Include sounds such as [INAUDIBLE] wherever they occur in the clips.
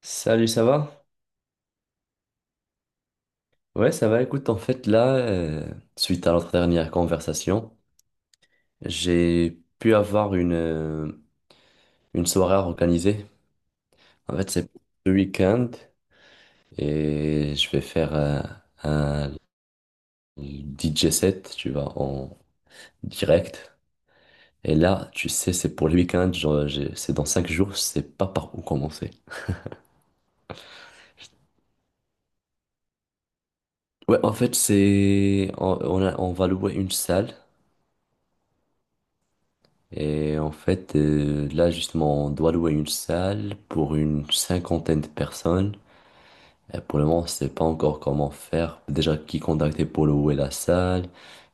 Salut, ça va? Ouais, ça va. Écoute, en fait, là, suite à notre dernière conversation, j'ai pu avoir une soirée à organiser. En fait, c'est le week-end et je vais faire un DJ set, tu vois, en direct. Et là, tu sais, c'est pour le week-end, genre, c'est dans 5 jours, je sais pas par où commencer. Ouais, en fait, c'est on a- on va louer une salle. Et en fait, là justement, on doit louer une salle pour une 50aine de personnes. Et pour le moment, on ne sait pas encore comment faire. Déjà, qui contacter pour louer la salle,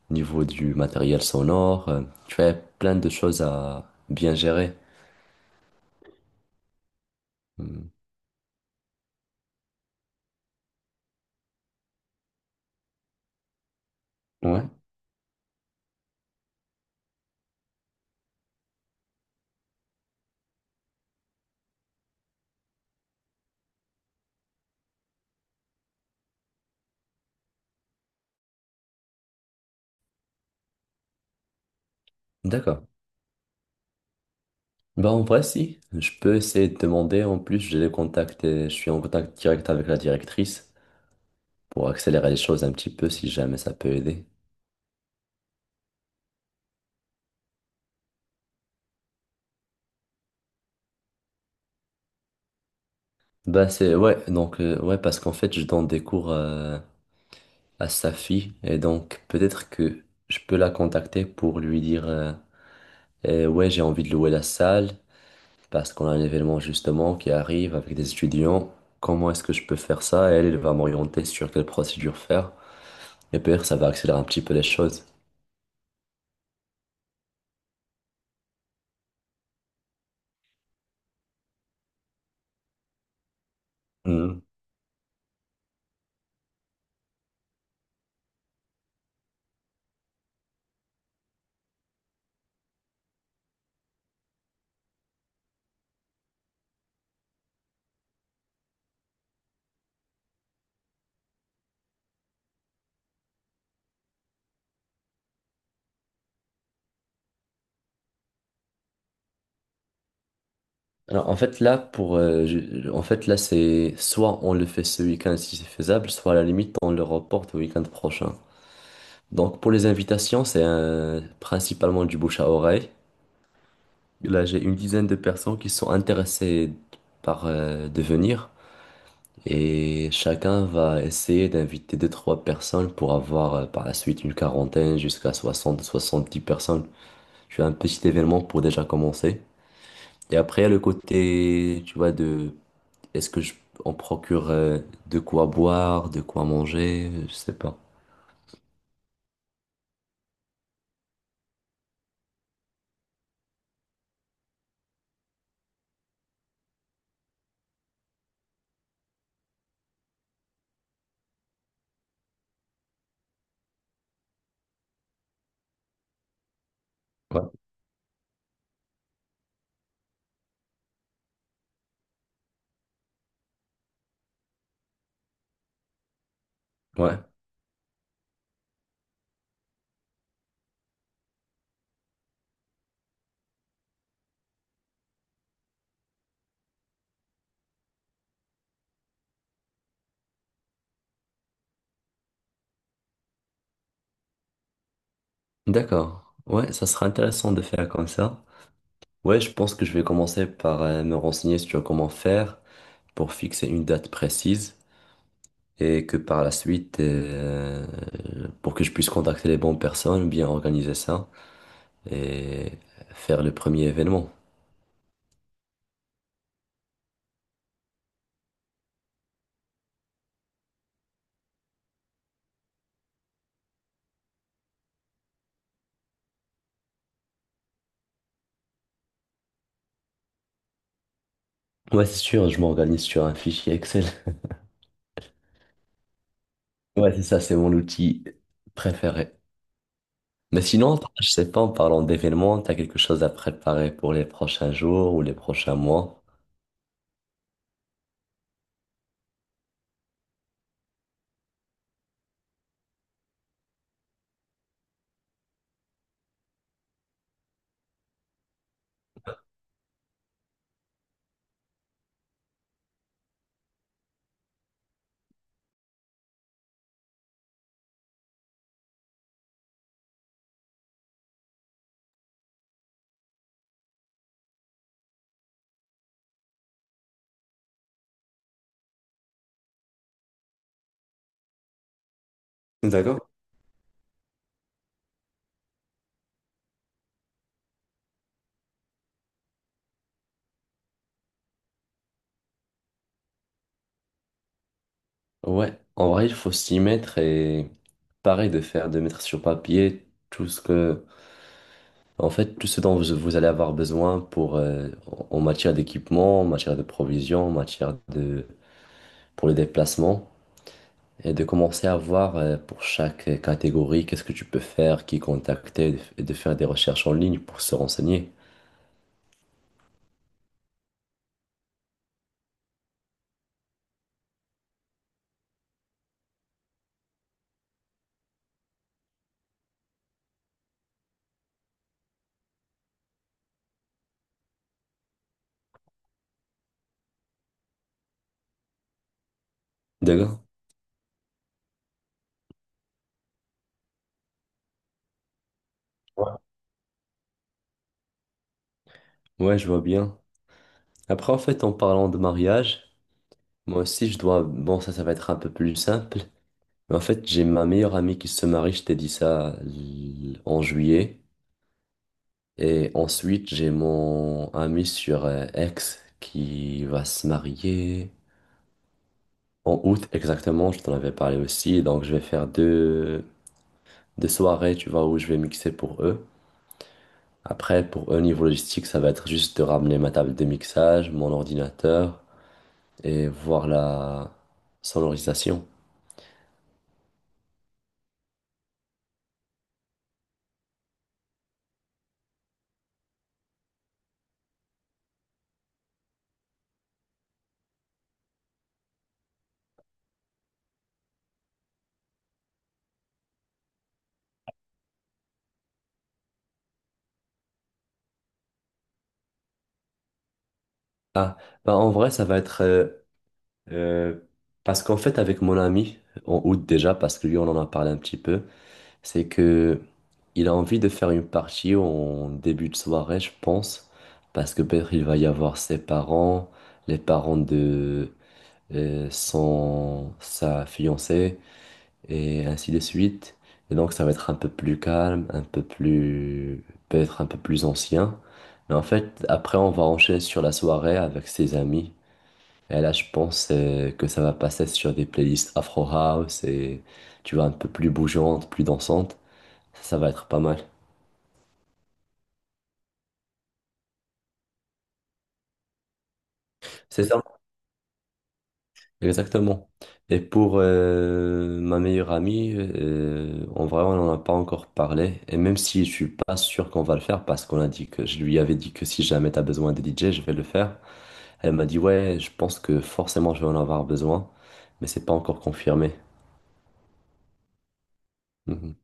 niveau du matériel sonore. Tu fais plein de choses à bien gérer. Hmm. Ouais, d'accord. Bah en vrai, si. Je peux essayer de demander. En plus, j'ai les contacts et je suis en contact direct avec la directrice pour accélérer les choses un petit peu si jamais ça peut aider. Bah c'est ouais donc ouais parce qu'en fait je donne des cours à sa fille. Et donc, peut-être que je peux la contacter pour lui dire, eh ouais, j'ai envie de louer la salle parce qu'on a un événement justement qui arrive avec des étudiants. Comment est-ce que je peux faire ça? Et elle, elle va m'orienter sur quelle procédure faire. Et peut-être ça va accélérer un petit peu les choses. Mhm. Alors, en fait, là, pour, en fait, là, c'est soit on le fait ce week-end si c'est faisable, soit à la limite, on le reporte au week-end prochain. Donc, pour les invitations, c'est principalement du bouche à oreille. Là, j'ai une 10aine de personnes qui sont intéressées par devenir, et chacun va essayer d'inviter deux, trois personnes pour avoir par la suite une 40aine jusqu'à 60 70 personnes. Je fais un petit événement pour déjà commencer. Et après, il y a le côté, tu vois, de est-ce que je, on procure de quoi boire, de quoi manger, je sais pas. Ouais. Ouais. D'accord. Ouais, ça sera intéressant de faire comme ça. Ouais, je pense que je vais commencer par me renseigner sur comment faire pour fixer une date précise, et que par la suite, pour que je puisse contacter les bonnes personnes, bien organiser ça et faire le premier événement. Ouais, c'est sûr, je m'organise sur un fichier Excel. [LAUGHS] Ouais, c'est ça, c'est mon outil préféré. Mais sinon, je sais pas, en parlant d'événements, t'as quelque chose à préparer pour les prochains jours ou les prochains mois? D'accord. Ouais, en vrai, il faut s'y mettre et pareil de faire, de mettre sur papier tout ce que... En fait, tout ce dont vous allez avoir besoin pour, en matière d'équipement, en matière de provisions, en matière de, pour le déplacement, et de commencer à voir pour chaque catégorie qu'est-ce que tu peux faire, qui contacter, et de faire des recherches en ligne pour se renseigner. D'accord? Ouais, Ouais, je vois bien. Après, en fait, en parlant de mariage, moi aussi, je dois... Bon, ça va être un peu plus simple. Mais en fait, j'ai ma meilleure amie qui se marie, je t'ai dit ça en juillet. Et ensuite, j'ai mon ami sur X qui va se marier en août exactement, je t'en avais parlé aussi. Donc, je vais faire deux soirées, tu vois, où je vais mixer pour eux. Après, pour eux, niveau logistique, ça va être juste de ramener ma table de mixage, mon ordinateur et voir la sonorisation. Ah, bah en vrai, ça va être... euh, parce qu'en fait, avec mon ami, en août déjà, parce que lui, on en a parlé un petit peu. C'est que il a envie de faire une partie en début de soirée, je pense, parce que peut-être il va y avoir ses parents, les parents de son sa fiancée et ainsi de suite. Et donc ça va être un peu plus calme, un peu plus ancien. Mais en fait, après on va enchaîner sur la soirée avec ses amis. Et là, je pense que ça va passer sur des playlists Afro House et tu vois un peu plus bougeantes, plus dansantes. Ça va être pas mal. C'est ça, exactement. Et pour ma meilleure amie, en vrai, on n'en a pas encore parlé. Et même si je suis pas sûr qu'on va le faire, parce qu'on a dit que je lui avais dit que si jamais tu as besoin de DJ, je vais le faire. Elle m'a dit, ouais, je pense que forcément je vais en avoir besoin, mais c'est pas encore confirmé. Mhm.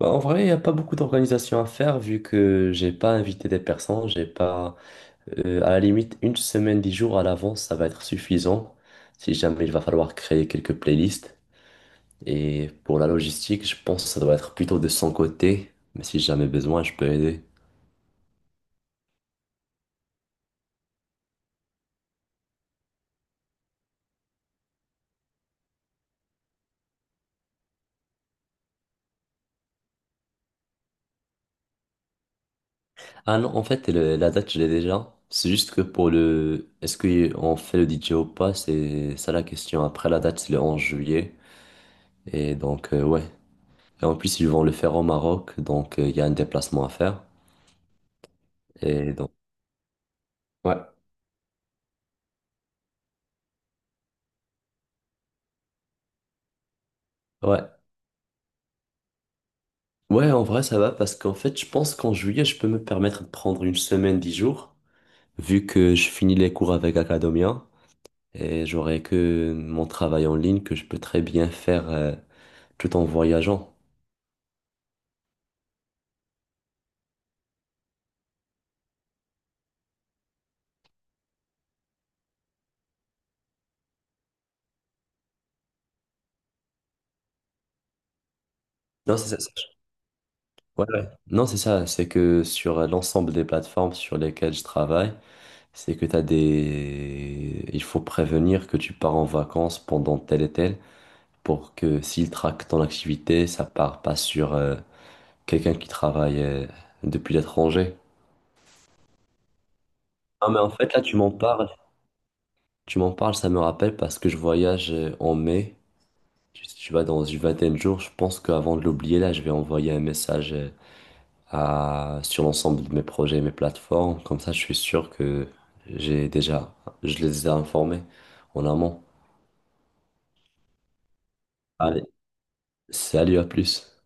Bah, en vrai, il n'y a pas beaucoup d'organisation à faire vu que j'ai pas invité des personnes, j'ai pas. À la limite, une semaine, 10 jours à l'avance, ça va être suffisant si jamais il va falloir créer quelques playlists. Et pour la logistique, je pense que ça doit être plutôt de son côté, mais si jamais besoin, je peux aider. Ah non, en fait, la date, je l'ai déjà. C'est juste que pour le... Est-ce qu'on fait le DJ ou pas? C'est ça la question. Après, la date, c'est le 11 juillet. Et donc, ouais. Et en plus, ils vont le faire au Maroc, donc il y a un déplacement à faire. Et donc, ouais. Ouais, Ouais, en vrai, ça va parce qu'en fait, je pense qu'en juillet, je peux me permettre de prendre une semaine, dix jours, vu que je finis les cours avec Academia et j'aurai que mon travail en ligne que je peux très bien faire tout en voyageant. Non, ouais, ouais. Non, c'est ça. C'est que sur l'ensemble des plateformes sur lesquelles je travaille, c'est que t'as des... Il faut prévenir que tu pars en vacances pendant tel et tel pour que s'ils traquent ton activité, ça part pas sur quelqu'un qui travaille depuis l'étranger. Ah, mais en fait, là, Tu m'en parles, ça me rappelle parce que je voyage en mai. Tu vas dans une 20aine de jours. Je pense qu'avant de l'oublier, là, je vais envoyer un message sur l'ensemble de mes projets, mes plateformes. Comme ça, je suis sûr que j'ai déjà, je les ai informés en amont. Allez, salut, à plus.